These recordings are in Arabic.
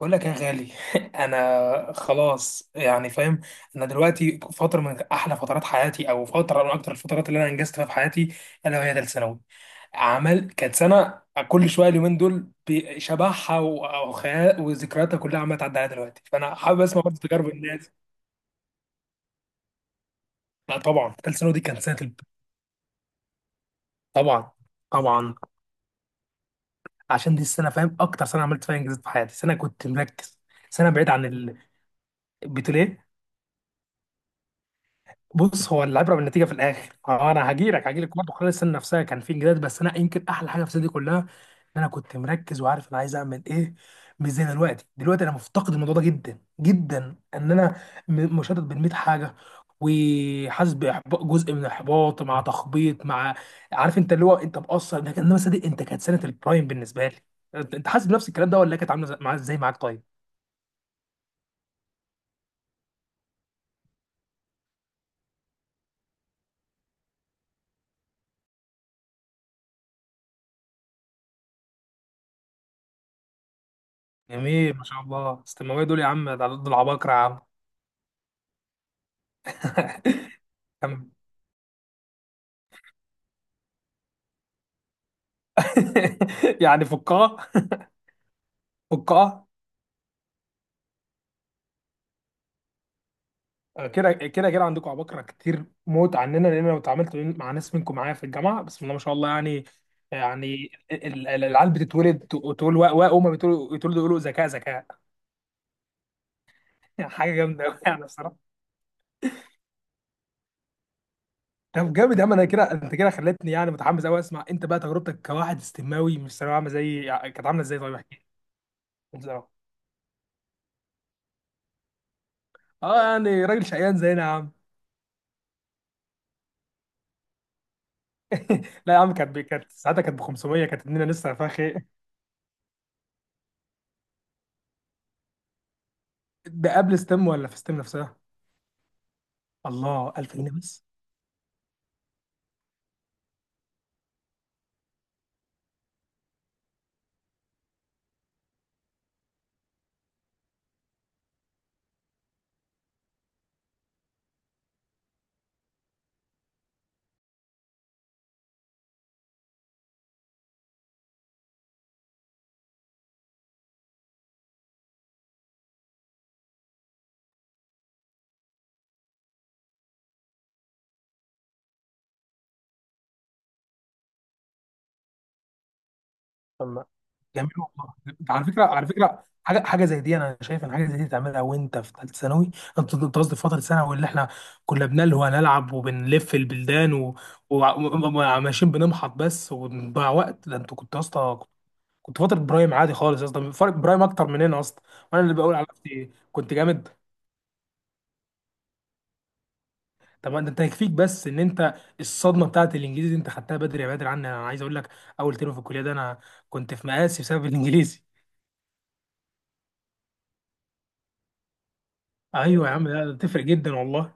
بقول لك يا غالي. انا خلاص يعني فاهم. انا دلوقتي فتره من احلى فترات حياتي او فتره من اكتر الفترات اللي انا انجزت فيها في حياتي، الا وهي ثالث ثانوي. عمل كانت سنه. كل شويه اليومين دول بشبحها وذكرياتها كلها عماله تعدي عليا دلوقتي، فانا حابب اسمع برضه تجارب الناس. لا طبعا، ثالث ثانوي دي كانت سنه طبعا، طبعا. عشان دي السنه فاهم؟ اكتر سنه عملت فيها انجازات في حياتي، سنه كنت مركز، سنه بعيد عن البتوليه. بص، هو العبره بالنتيجه في الاخر. اه، انا هجيلك برضه. خلال السنه نفسها كان في انجازات، بس انا يمكن احلى حاجه في السنه دي كلها ان انا كنت مركز وعارف انا عايز اعمل ايه. مش زي دلوقتي انا مفتقد الموضوع ده جدا جدا، ان انا مشتت بين 100 حاجه، وحاسس باحباط، جزء من الاحباط مع تخبيط، مع عارف انت، اللي هو انت مقصر انك انما صدق، انت كانت سنه البرايم بالنسبه لي. انت حاسس بنفس الكلام ده، ولا كانت ازاي معاك طيب؟ جميل، ما شاء الله، استماويه دول يا عم، ده دول عباقرة يا عم. كمل. يعني فقاعة، فقاعة. كده كده كده عندكم عباقرة كتير موت عننا، لأن أنا اتعاملت مع ناس منكم معايا في الجامعة، بسم الله ما شاء الله يعني. يعني العيال بتتولد، تقول واء واء، هما يتولدوا يقولوا ذكاء ذكاء. حاجة جامدة أوي يعني بصراحة. طب جامد يا عم، أنا كده، أنت كده خلتني يعني متحمس أوي أسمع أنت بقى تجربتك كواحد استماوي، مش ثانوية عامة زي. كانت عاملة إزاي؟ طيب احكي لي. بصراحة، اه، يعني راجل شقيان زينا يا عم. لا يا عم، كانت ساعتها كانت ب 500، كانت الدنيا لسه فاخي. ده قبل ستيم ولا في ستيم نفسها؟ الله، 1000 جنيه بس؟ طب ما، جميل والله. ده على فكره، على فكره، حاجه، حاجه زي دي انا شايف ان حاجه زي دي تعملها وانت في ثالثه ثانوي. انت قصدي في فتره ثانوي، اللي احنا كنا بنلهو نلعب وبنلف البلدان وع- وماشيين بنمحط بس وبنضيع وقت، ده انت كنت يا اسطى، كنت فتره برايم عادي خالص يا اسطى، فرق برايم اكتر مننا اصلا. وانا اللي بقول على نفسي كنت جامد. طب ما انت يكفيك بس ان انت، الصدمه بتاعت الانجليزي دي انت خدتها بدري، يا بدري عني، انا عايز اقول لك، اول ترم في الكليه ده انا كنت في مقاسي بسبب الانجليزي. ايوه يا عم، لا ده تفرق جدا والله.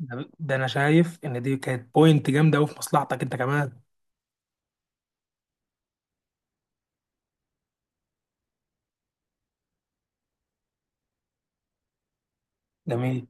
ده انا شايف ان دي كانت بوينت جامده قوي في مصلحتك انت كمان. جميل.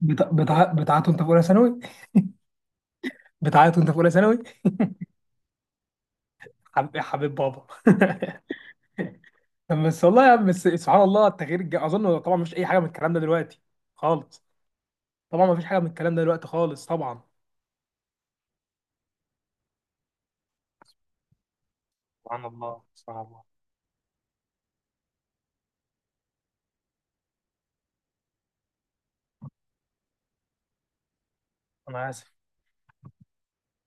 بتعيط وانت في اولى ثانوي؟ بتعيط وانت في اولى ثانوي؟ حبيب حبيب بابا. بس والله يا عم، بس سبحان الله التغيير اظن طبعا مفيش اي حاجه من الكلام ده دلوقتي خالص. طبعا مفيش حاجه من الكلام ده دلوقتي خالص، طبعا. سبحان الله، سبحان الله. انا اسف،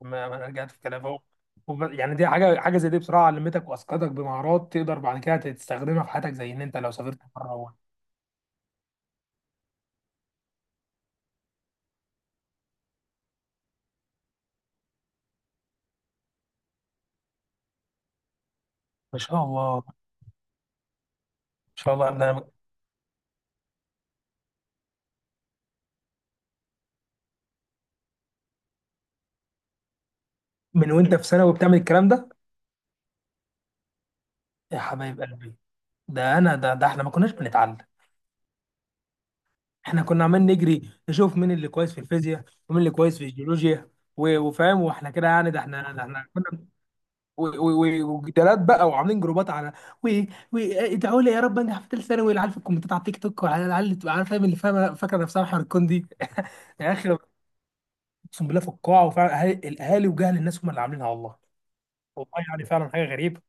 ما انا رجعت في كلامي اهو. يعني دي حاجه، حاجه زي دي بصراحه علمتك واسقطك بمهارات تقدر بعد كده تستخدمها في حياتك، زي ان انت لو سافرت بره. ما شاء الله، ما شاء الله، ده أنا، من وانت في ثانوي بتعمل الكلام ده؟ يا حبايب قلبي. ده انا، ده احنا ما كناش بنتعلم. احنا كنا عمال نجري نشوف مين اللي كويس في الفيزياء ومين اللي كويس في الجيولوجيا وفاهم، واحنا كده يعني، ده احنا، ده احنا كنا وجدالات بقى وعاملين جروبات على، وادعوا لي يا رب انجح في ثالث ثانوي، العيال في الكومنتات على التيك توك، وعلى العيال اللي تبقى فاهم، اللي فاهمه فاكره نفسها محور الكون دي. يا اخي، اقسم بالله في القاعه، وفعلا الاهالي وجهل الناس هم اللي عاملينها والله. والله يعني فعلا حاجه غريبه.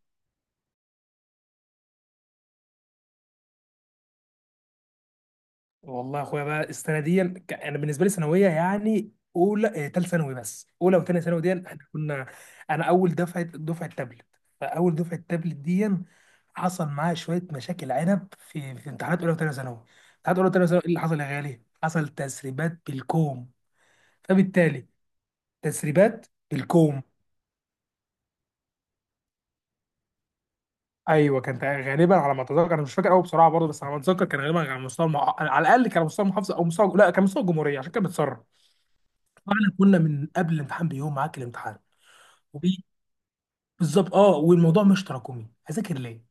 والله يا اخويا بقى، السنه دي انا بالنسبه لي ثانويه، يعني اولى، تالت ثانوي، بس اولى وثانيه ثانوي دي احنا كنا، انا اول دفعه تابلت. فاول دفعه تابلت دي حصل معايا شويه مشاكل عنب، في امتحانات اولى وثانيه ثانوي. امتحانات اولى وثانيه ثانوي، ايه اللي حصل يا غالي؟ حصل تسريبات بالكوم، فبالتالي، تسريبات بالكوم. ايوه، كان غالبا على ما اتذكر، انا مش فاكر قوي بصراحه برضه، بس على ما اتذكر كان غالبا على على الاقل كان على مستوى المحافظه، او مستوى، لا، كان مستوى الجمهوريه، عشان كان بتسرب. فاحنا كنا من قبل الامتحان بيوم معاك الامتحان وبي- بالظبط، اه، والموضوع مش تراكمي، اذاكر ليه؟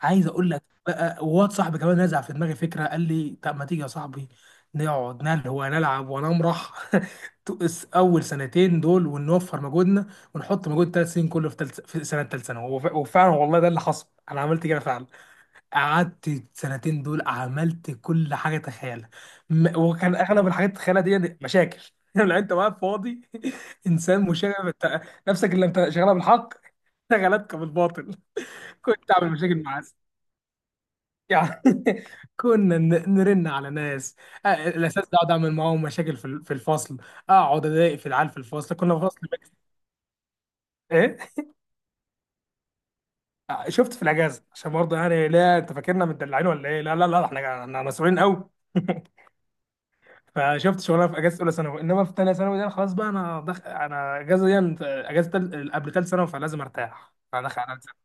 عايز اقول لك بقى، واد صاحبي كمان نزع في دماغي فكره، قال لي طب ما تيجي يا صاحبي نقعد نل هو نلعب ونمرح. اول سنتين دول ونوفر مجهودنا، ونحط مجهود ثلاث سنين كله في تلت، في سنه ثالث ثانوي، وفعلا والله ده اللي حصل، انا عملت كده فعلا. قعدت السنتين دول عملت كل حاجه تخيلها، وكان اغلب الحاجات تخيلها دي مشاكل. لو انت واقف فاضي، انسان مشاغب، نفسك اللي انت شغاله بالحق شغلتك بالباطل. كنت اعمل مشاكل مع ناس يعني. كنا نرن على ناس. آه، الاساس ده اقعد اعمل معاهم مشاكل في في الفصل، اقعد اضايق في العيال في الفصل، كنا في فصل ميكس. ايه؟ آه، شفت في الاجازه، عشان برضه يعني لا انت فاكرنا متدلعين ولا ايه، لا لا لا، احنا، إحنا مسؤولين قوي. فشفت شغلها في اجازه اولى ثانوي، انما في ثانيه ثانوي ده خلاص بقى، انا انا اجازه دي اجازه قبل ثالث ثانوي، فلازم ارتاح، فدخل على ثالث ثانوي.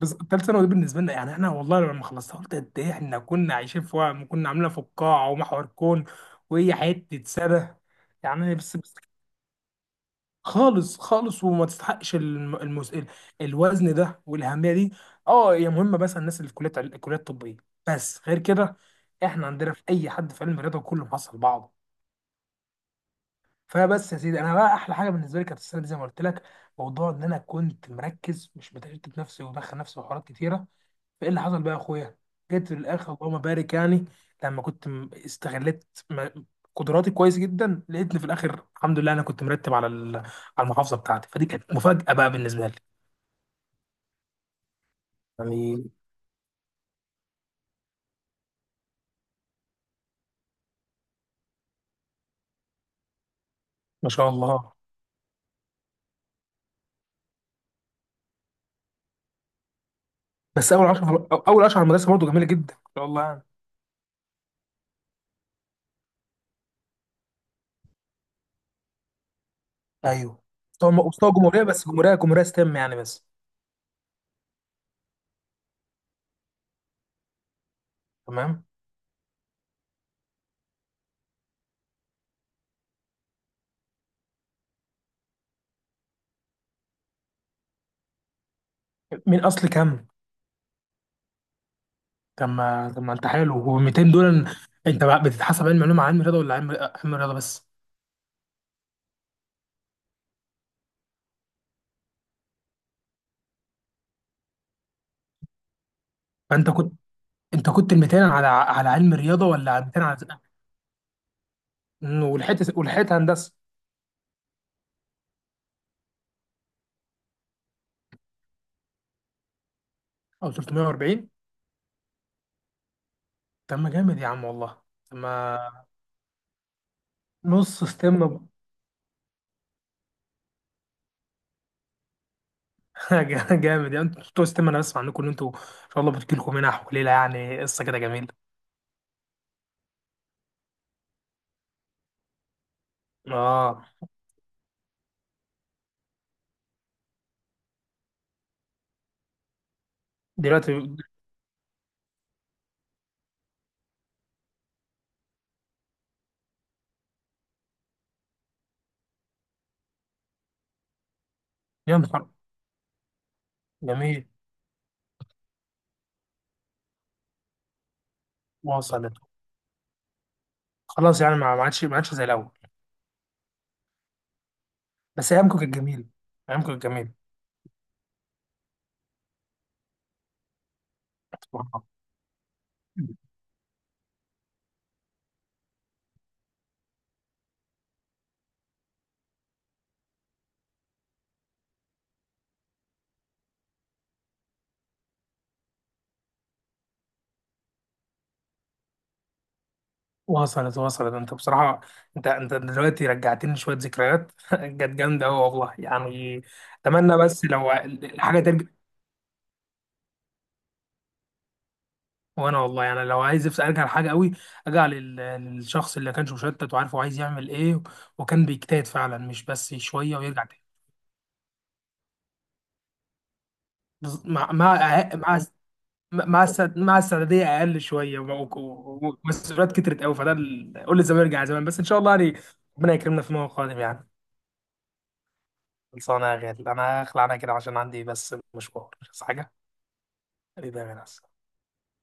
بس ثالث ثانوي دي بالنسبه لنا يعني احنا، والله لما خلصتها قلت قد ايه احنا كنا عايشين في وهم، وكنا عاملينها في القاعه ومحور كون، وهي حته سنه يعني. بس خالص خالص، وما تستحقش الوزن ده والاهميه دي. اه، هي مهمه مثلا الناس اللي في كليات، الكليات الطبيه، بس غير كده احنا عندنا في اي حد في علم الرياضه كله حصل بعضه. فبس يا سيدي، انا بقى احلى حاجه بالنسبه لي كانت السنه دي زي ما قلت لك، موضوع ان انا كنت مركز، مش بتشتت نفسي وبدخل نفسي في حوارات كتيره. فايه اللي حصل بقى يا اخويا؟ جيت في الاخر اللهم بارك يعني، لما كنت استغلت قدراتي كويس جدا، لقيتني في الاخر الحمد لله انا كنت مرتب على على المحافظه بتاعتي، فدي كانت مفاجاه بقى بالنسبه لي. يعني ما شاء الله. بس اول 10 اول 10 على المدرسه برضه جميله جدا، ما شاء الله يعني. ايوه. مستوى جمهوريه، بس جمهوريه ستيم يعني بس. تمام. من اصل كم؟ طب ما انت حلو، هو 200 دول انت بقى بتتحسب علم علوم على علم رياضه، ولا علم، علم رياضه بس؟ فانت كنت انت كنت 200 على علم رياضه، ولا على 200 على، مم، ولحقت، هندسه؟ او 340؟ طب ما جامد يا عم والله. طب ما نص ستيم. جامد يعني انتوا بتوع ستيم، انا بسمع عنكم ان انتوا ان شاء الله بتجيلكم منح وليله يعني، قصه كده جميله. اه، دلوقتي. يا نهار، جميل. وصلت. خلاص يعني، ما عادش ما عادش زي الاول. بس ايامكم كانت جميله. ايامكم كانت جميله. وصلت، انت بصراحة، انت دلوقتي رجعتني شوية ذكريات. كانت جامدة أوي والله يعني. اتمنى بس لو الحاجة ترجع. وانا والله يعني لو عايز ارجع لحاجة أوي، ارجع للشخص اللي كانش مشتت وعارف هو عايز يعمل ايه، وكان بيجتهد فعلا مش بس شوية ويرجع تاني. مع مع مع مع السعدية اقل شوية، ومسؤوليات ومسؤوليات كترت أوي، فده قول لي زمان ارجع زمان، بس ان شاء الله يعني ربنا يكرمنا فيما هو قادم يعني. خلصانة يا غالي، أنا هخلع أنا كده عشان عندي بس مشوار، بس حاجة. حبيبي يا غالي.